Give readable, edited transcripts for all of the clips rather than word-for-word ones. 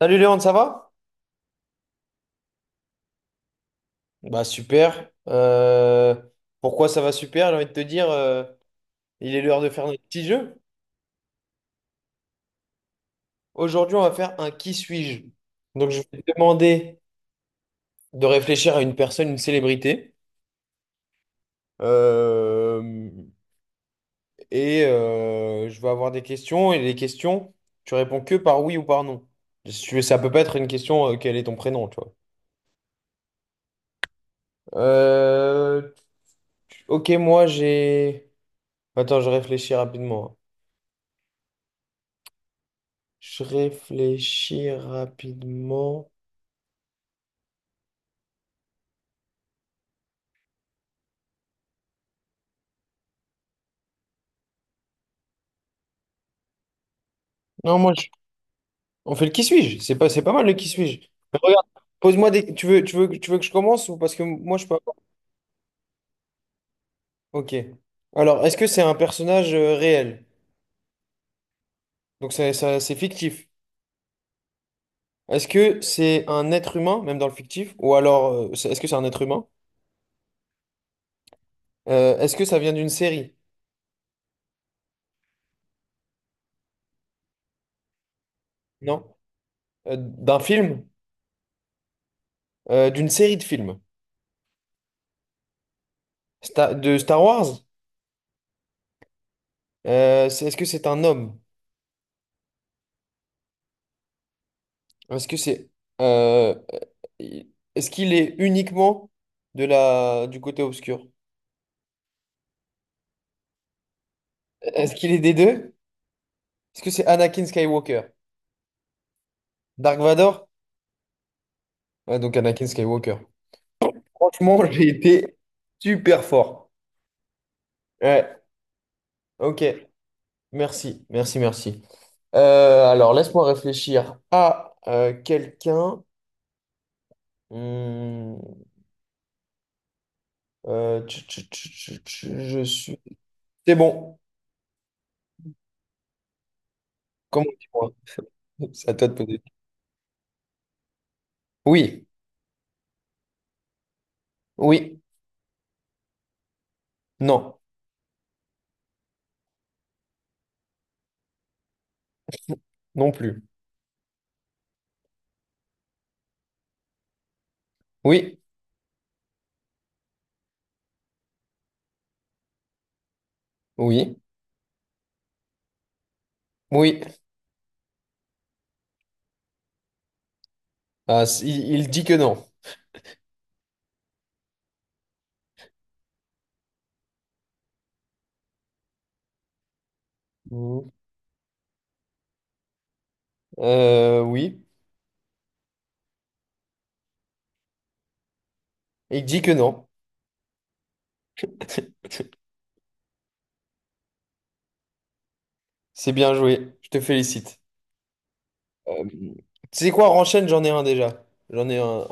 Salut Léon, ça va? Bah super. Pourquoi ça va super? J'ai envie de te dire, il est l'heure de faire notre petit jeu. Aujourd'hui, on va faire un qui suis-je. Donc je vais te demander de réfléchir à une personne, une célébrité. Euh, je vais avoir des questions. Et les questions, tu réponds que par oui ou par non. Si tu veux, ça peut pas être une question, quel est ton prénom, tu vois. Euh, ok, attends, je réfléchis rapidement. Je réfléchis rapidement. Non, moi, je- On fait le qui suis-je. C'est pas mal le qui suis-je. Mais regarde, pose-moi des. Tu veux que je commence ou parce que moi, je peux. Avoir- ok. Alors, est-ce que c'est un personnage réel? C'est fictif. Est-ce que c'est un être humain, même dans le fictif? Est-ce que c'est un être humain? Est-ce que ça vient d'une série? Non. D'un film? D'une série de films? De Star Wars? Est-ce que c'est un homme? Est-ce que c'est. Euh, il- Est-ce qu'il est uniquement de la... du côté obscur? Est-ce qu'il est des deux? Est-ce que c'est Anakin Skywalker? Dark Vador? Ouais, donc Anakin Skywalker. Franchement, j'ai été super fort. Ouais, ok. Merci, merci, merci. Alors, laisse-moi réfléchir à quelqu'un. Hmm, tch, tch, tch, tch, tch, je suis. C'est bon. Comment dis-moi? C'est à toi de poser. Oui, oui, non, non plus. Oui, oui. Oui, ah, il dit que non. Mhm. Oui, il dit que non. C'est bien joué, je te félicite. Euh, Tu sais quoi, enchaîne, j'en ai un déjà. J'en ai un.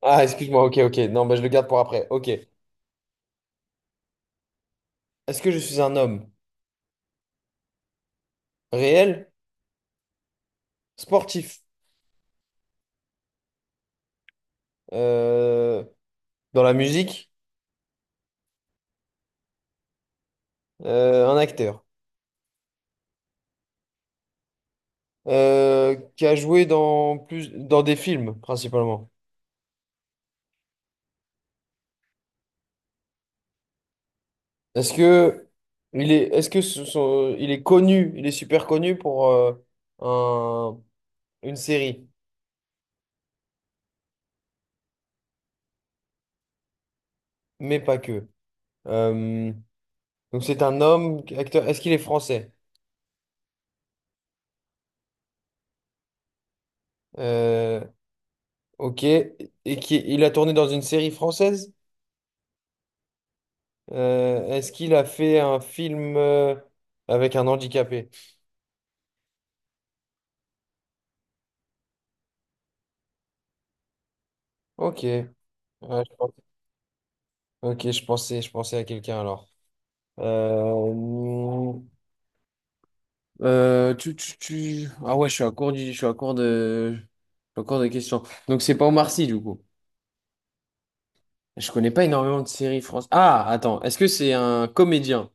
Ah, excuse-moi, ok, ok. Non, bah, je le garde pour après. Ok. Est-ce que je suis un homme réel, sportif, euh, dans la musique, un acteur, qui a joué dans plus dans des films principalement? Est-ce que il est, est-ce que ce sont- il est connu, il est super connu pour un- une série, mais pas que. Euh, donc c'est un homme, acteur. Est-ce qu'il est français? Euh, ok. Il a tourné dans une série française? Est-ce qu'il a fait un film avec un handicapé? Ok. Ouais, je pense- ok, je pensais à quelqu'un alors. Euh, Ah ouais, je suis à court de questions. Donc c'est pas Omar Sy, du coup. Je connais pas énormément de séries françaises. Ah, attends, est-ce que c'est un comédien?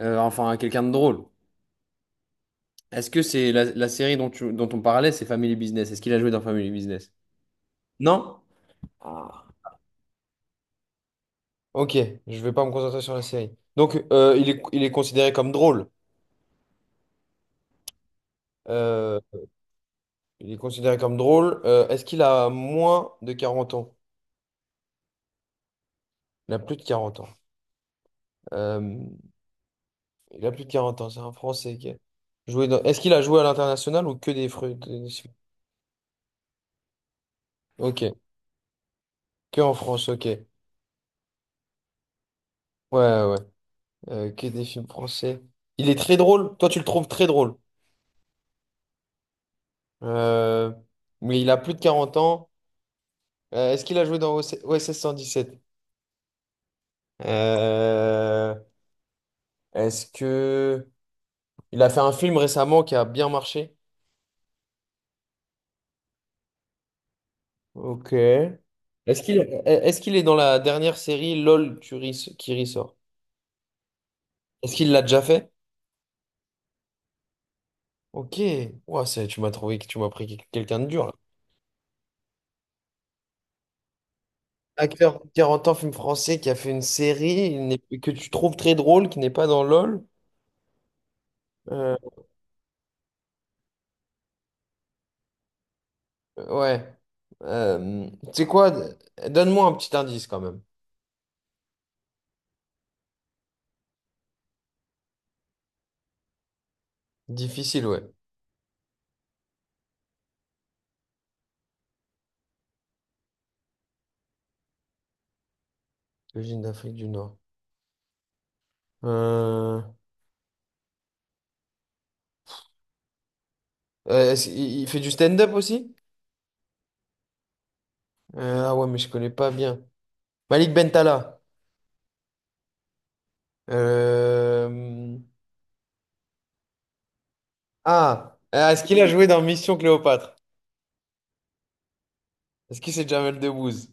Enfin, quelqu'un de drôle. Est-ce que c'est la série dont on parlait, c'est Family Business? Est-ce qu'il a joué dans Family Business? Non? Ah. Ok, je vais pas me concentrer sur la série. Donc, il est considéré comme drôle. Euh, il est considéré comme drôle. Est-ce qu'il a moins de 40 ans? Il a plus de 40 ans. Euh, Il a plus de 40 ans, c'est un Français qui a joué dans... Est-ce qu'il a joué à l'international ou que des fruits? Ok, que en France, ok. Ouais, ouais. Que des films français. Il est très drôle, toi tu le trouves très drôle. Euh, Mais il a plus de 40 ans. Est-ce qu'il a joué dans OC OSS 117? Euh, Est-ce que... il a fait un film récemment qui a bien marché? Ok. Est-ce qu'il est-ce qu'il est dans la dernière série LOL qui ressort? Est-ce qu'il l'a déjà fait? Ok, ouah, tu m'as pris quel- quelqu'un de dur là. Acteur 40 ans, film français qui a fait une série il n'est- que tu trouves très drôle, qui n'est pas dans LOL. Euh, ouais. Tu sais quoi? Donne-moi un petit indice quand même. Difficile, ouais. Origine d'Afrique du Nord. Euh, il fait du stand-up aussi? Ah ouais, mais je connais pas bien. Malik Bentala. Euh, ah, Ah, est-ce qu'il a joué dans Mission Cléopâtre? Est-ce que c'est Jamel Debbouze?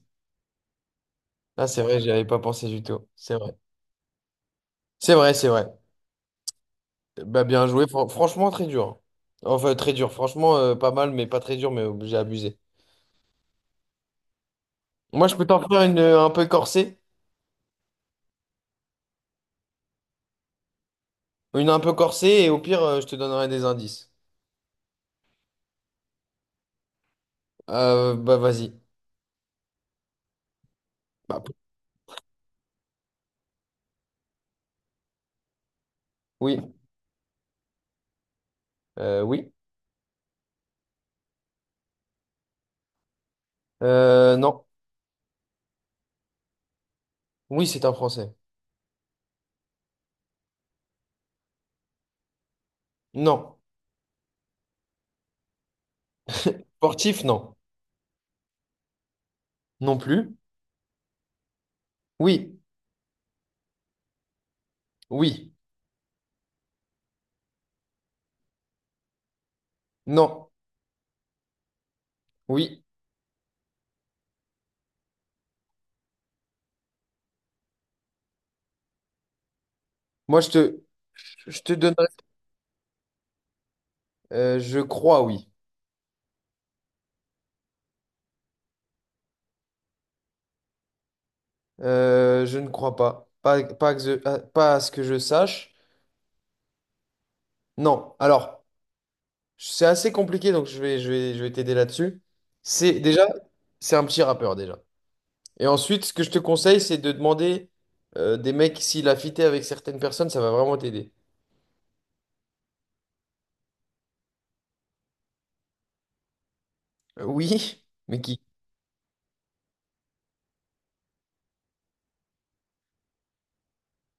Ah, c'est vrai, j'y avais pas pensé du tout. C'est vrai. C'est vrai, c'est vrai. Bah, bien joué. Franchement, très dur. Enfin, très dur. Franchement, pas mal, mais pas très dur, mais j'ai abusé. Moi, je peux t'en faire une un peu corsée. Une un peu corsée, et au pire, je te donnerai des indices. Vas-y. Bah, p- oui. Oui. Non. Oui, c'est un Français. Non. Sportif, non. Non plus. Oui. Oui. Non. Oui. Moi, je te, je te donnerai. Je crois, oui. Je ne crois pas. Que je- à pas à ce que je sache. Non. Alors, c'est assez compliqué, donc je vais t'aider là-dessus. C'est déjà, c'est un petit rappeur déjà. Et ensuite, ce que je te conseille, c'est de demander des mecs s'il a fité avec certaines personnes, ça va vraiment t'aider. Oui, mais qui?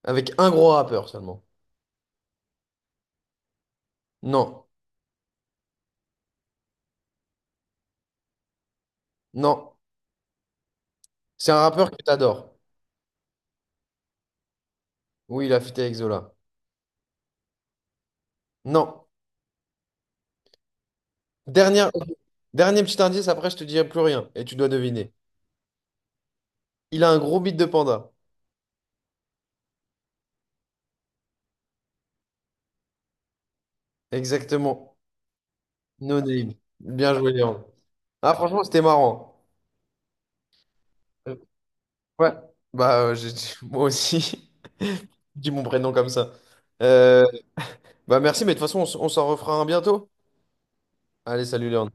Avec un gros rappeur seulement. Non, non. C'est un rappeur que t'adores. Oui, il a fité avec Zola. Non. Dernière, dernier petit indice, après je te dirai plus rien et tu dois deviner. Il a un gros beat de panda. Exactement. No name. Bien joué, Léon. Ah, franchement, c'était marrant. Euh, Ouais. Bah, euh, j'ai- Moi aussi. Dis mon prénom comme ça. Euh, merci, mais de toute façon, on s'en refera un bientôt. Allez, salut, Léon.